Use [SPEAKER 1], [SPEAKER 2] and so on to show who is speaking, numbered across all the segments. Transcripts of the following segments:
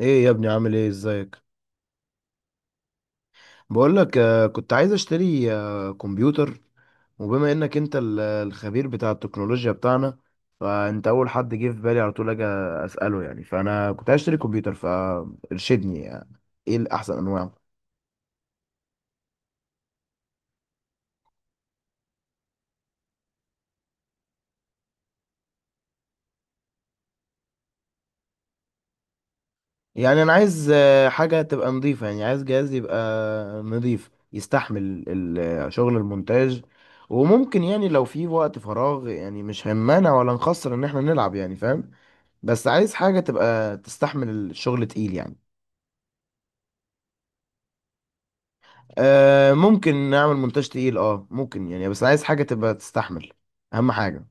[SPEAKER 1] ايه يا ابني؟ عامل ايه؟ ازيك؟ بقول لك كنت عايز اشتري كمبيوتر. وبما انك انت الخبير بتاع التكنولوجيا بتاعنا، فانت اول حد جه في بالي، على طول اجي اساله يعني. فانا كنت عايز اشتري كمبيوتر، فارشدني يعني ايه الاحسن انواعه. يعني انا عايز حاجه تبقى نظيفه، يعني عايز جهاز يبقى نظيف يستحمل شغل المونتاج. وممكن يعني لو في وقت فراغ، يعني مش هنمانع ولا نخسر ان احنا نلعب يعني، فاهم؟ بس عايز حاجة تبقى تستحمل الشغل تقيل يعني. آه ممكن نعمل مونتاج تقيل، اه ممكن يعني، بس عايز حاجة تبقى تستحمل، اهم حاجة.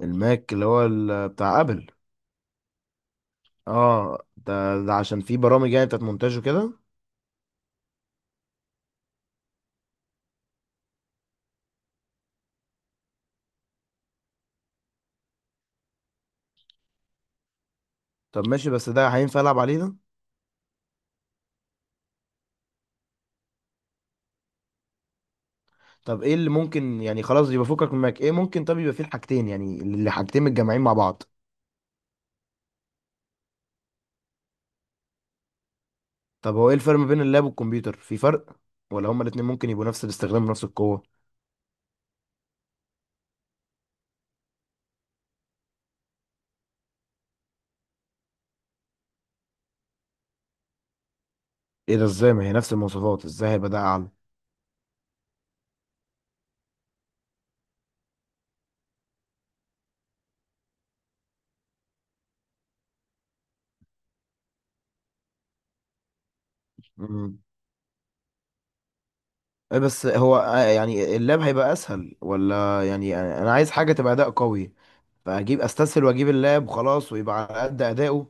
[SPEAKER 1] الماك اللي هو بتاع ابل؟ اه ده، ده عشان في برامج يعني بتاعت مونتاج وكده. طب ماشي، بس ده هينفع العب عليه ده؟ طب ايه اللي ممكن يعني؟ خلاص يبقى فكك من الماك. ايه ممكن طب يبقى فيه الحاجتين يعني، اللي حاجتين متجمعين مع بعض؟ طب هو ايه الفرق ما بين اللاب والكمبيوتر؟ في فرق ولا هما الاتنين ممكن يبقوا نفس الاستخدام ونفس القوة؟ ايه ده؟ ازاي؟ ما هي نفس المواصفات، ازاي هيبقى ده اعلى؟ إيه بس هو يعني اللاب هيبقى اسهل؟ ولا يعني انا عايز حاجه تبقى اداء قوي، فاجيب استسهل واجيب اللاب وخلاص، ويبقى على قد اداؤه؟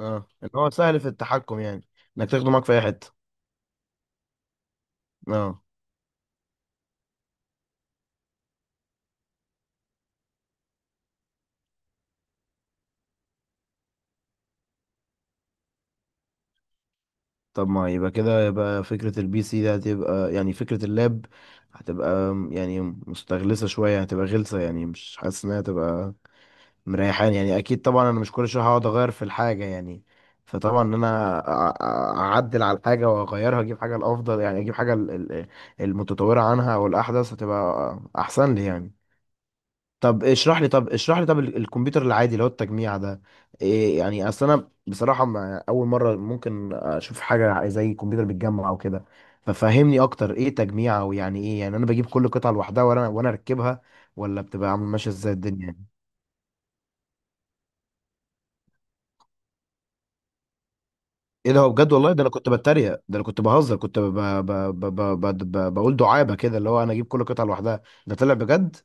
[SPEAKER 1] اه، ان هو سهل في التحكم يعني، انك تاخده معاك في اي حته. اه. طب ما يبقى كده، يبقى فكره البي سي ده هتبقى يعني، فكره اللاب هتبقى يعني مستغلسه شويه، هتبقى غلسه يعني، مش حاسس انها هتبقى مريحان يعني. اكيد طبعا انا مش كل شويه هقعد اغير في الحاجه يعني، فطبعا ان انا اعدل على الحاجه واغيرها، اجيب حاجه الافضل يعني، اجيب حاجه المتطوره عنها او الاحدث هتبقى احسن لي يعني. طب اشرح لي، طب الكمبيوتر العادي اللي هو التجميع ده إيه يعني؟ اصل انا بصراحه ما اول مره ممكن اشوف حاجه زي كمبيوتر بيتجمع او كده، ففهمني اكتر ايه تجميع، او يعني ايه يعني؟ انا بجيب كل قطعه لوحدها وانا اركبها، ولا بتبقى عامل ماشيه ازاي الدنيا؟ ايه ده؟ هو بجد؟ والله ده انا كنت بتريق، ده انا كنت بهزر، كنت ب... ب... ب... بقول دعابه كده، اللي هو انا اجيب كل قطعه لوحدها، ده طلع بجد.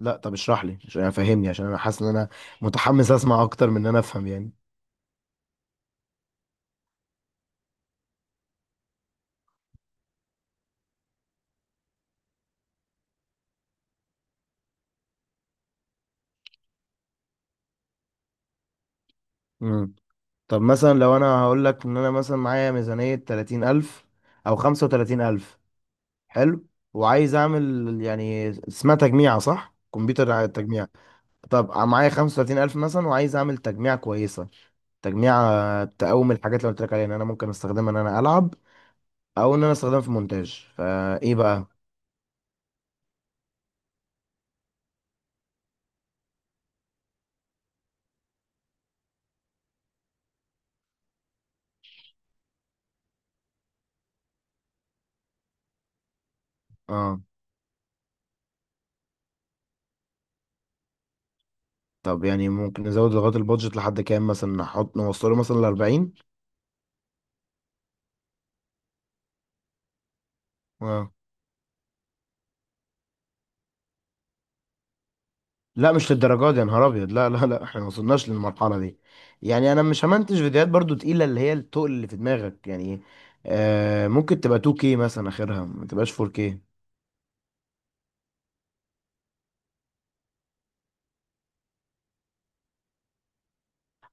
[SPEAKER 1] لا طب اشرح لي عشان فهمني، عشان انا حاسس ان انا متحمس اسمع اكتر من ان انا افهم يعني. امم. طب مثلا لو انا هقول لك ان انا مثلا معايا ميزانيه 30000 او 35000. حلو. وعايز اعمل يعني اسمها تجميعه، صح؟ كمبيوتر تجميع. طب معايا 35000 مثلا، وعايز اعمل تجميعة كويسة، تجميعة تقوم الحاجات اللي قلت لك عليها، ان انا ممكن استخدمها ان انا العب، او ان انا استخدمها في مونتاج. فايه بقى؟ اه. طب يعني ممكن نزود لغاية البادجت لحد كام مثلا؟ نحط نوصله مثلا ل 40؟ اه لا، مش للدرجات دي، يا نهار ابيض، لا لا لا، احنا ما وصلناش للمرحلة دي. يعني انا مش همنتج فيديوهات برضو تقيلة، اللي هي التقل اللي في دماغك يعني. آه ممكن تبقى 2K مثلا اخرها، ما تبقاش 4K.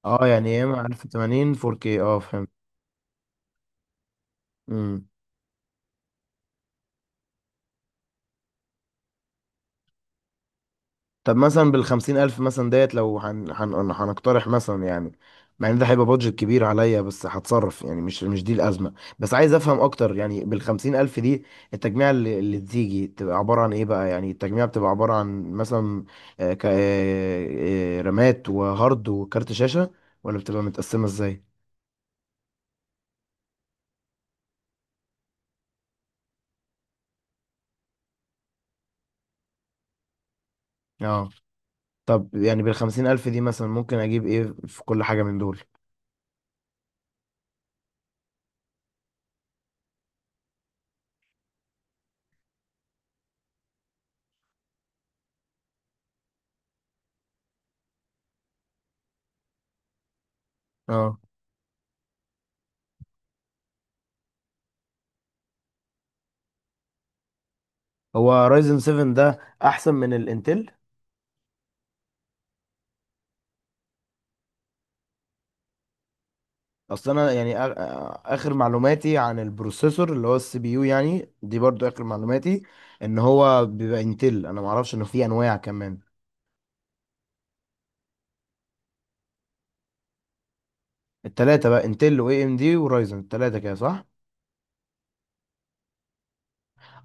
[SPEAKER 1] اه يعني يا اما 1080، 4K. اه فهمت. امم. طب مثلا بالخمسين ألف مثلا ديت، لو هنقترح مثلا يعني، مع ان ده هيبقى بادجت كبير عليا، بس هتصرف يعني، مش دي الأزمة. بس عايز أفهم أكتر يعني بالخمسين ألف دي التجميع اللي تيجي تبقى عبارة عن إيه بقى؟ يعني التجميع بتبقى عبارة عن مثلا آه، ك... آه، آه، رامات وهارد وكارت شاشة؟ ولا بتبقى متقسمة إزاي؟ اه. طب يعني بالخمسين ألف دي مثلا ممكن أجيب إيه في كل حاجة من دول؟ اه. هو رايزن 7 ده أحسن من الإنتل؟ اصل انا يعني اخر معلوماتي عن البروسيسور اللي هو السي بي يو يعني، دي برضو اخر معلوماتي، ان هو بيبقى انتل. انا ما اعرفش انه في انواع كمان. التلاتة بقى انتل واي ام دي ورايزن، التلاتة كده صح؟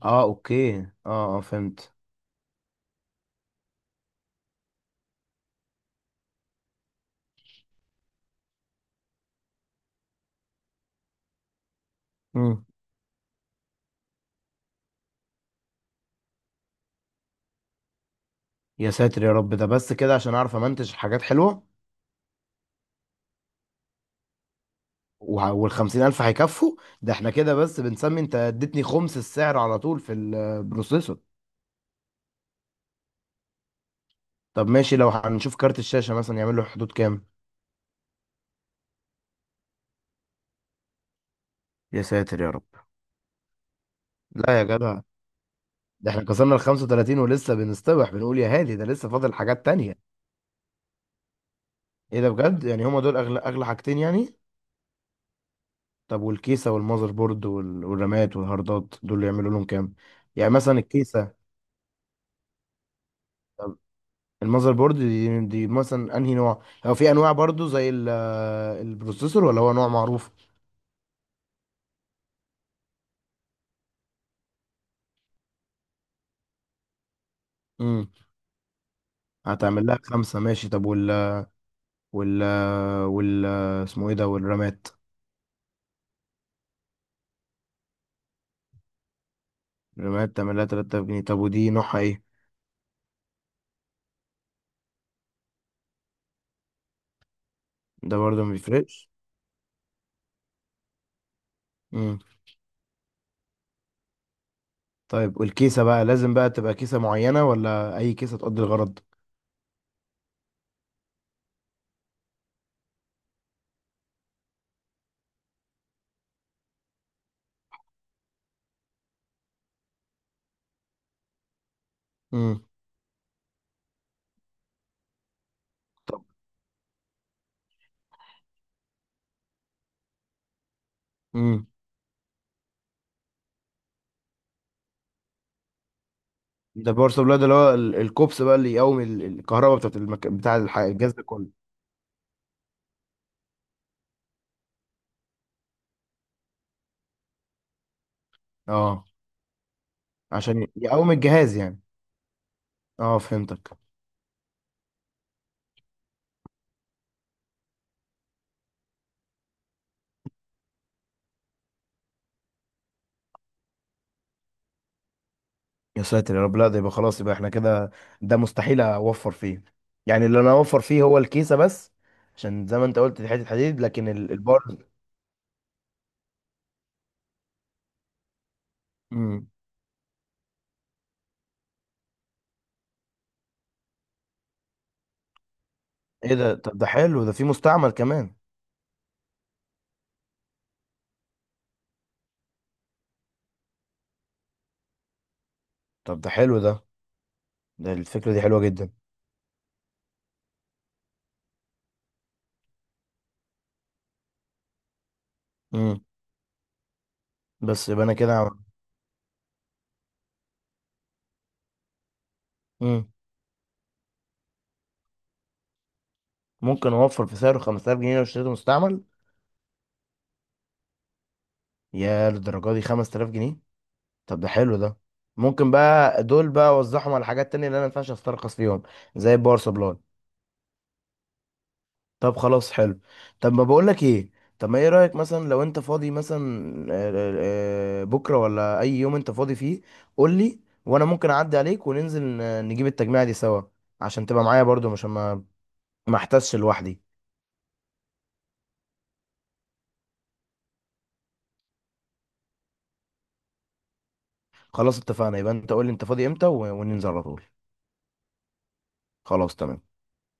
[SPEAKER 1] اه اوكي. اه اه فهمت. مم. يا ساتر يا رب، ده بس كده عشان اعرف امنتج حاجات حلوة؟ وع- والخمسين الف هيكفوا؟ ده احنا كده بس بنسمي، انت اديتني خمس السعر على طول في البروسيسور. طب ماشي، لو هنشوف كارت الشاشة مثلا يعمل له حدود كام؟ يا ساتر يا رب، لا يا جدع، ده احنا كسرنا ال 35 ولسه بنستبح، بنقول يا هادي ده لسه فاضل حاجات تانية. ايه ده بجد؟ يعني هما دول اغلى اغلى حاجتين يعني؟ طب والكيسة والمذر بورد وال- والرامات والهاردات، دول اللي يعملوا لهم كام؟ يعني مثلا الكيسة. طب المذر بورد دي مثلا انهي نوع؟ هو في انواع برضو زي البروسيسور، ولا هو نوع معروف؟ امم. هتعمل لها خمسة، ماشي. طب وال وال اسمه ايه ده، والرامات؟ الرامات تعمل لها 3000 جنيه، طب ودي نوعها ايه؟ ده برضو ما بيفرقش. طيب والكيسة بقى لازم بقى تبقى كيسة معينة، ولا أي كيسة تقضي الغرض؟ امم. طب. امم. ده باور سبلاي ده اللي هو الكوبس بقى، اللي يقوم الكهرباء بتاعت الجهاز ده كله؟ اه، عشان يقوم الجهاز يعني. اه فهمتك. يا ساتر يا رب، لا ده يبقى خلاص، يبقى احنا كده ده مستحيل اوفر فيه. يعني اللي انا اوفر فيه هو الكيسة بس، عشان زي ما انت قلت دي حتة حديد، لكن البار. امم. ايه ده؟ طب ده حلو، ده في مستعمل كمان؟ طب ده حلو ده، ده الفكرة دي حلوة جدا. امم. بس يبقى انا كده مم. ممكن اوفر في سعره 5000 جنيه لو اشتريته مستعمل؟ يا للدرجه دي، 5000 جنيه؟ طب ده حلو ده. ممكن بقى دول بقى اوزعهم على حاجات تانية، اللي انا ما ينفعش استرخص فيهم، زي الباور سبلاي. طب خلاص حلو. طب ما بقول لك ايه، طب ما ايه رايك مثلا لو انت فاضي مثلا بكره، ولا اي يوم انت فاضي فيه، قول لي، وانا ممكن اعدي عليك وننزل نجيب التجميعه دي سوا، عشان تبقى معايا برضو، مش ما احتسش لوحدي. خلاص اتفقنا، يبقى انت قول لي انت فاضي امتى وننزل على طول. خلاص تمام.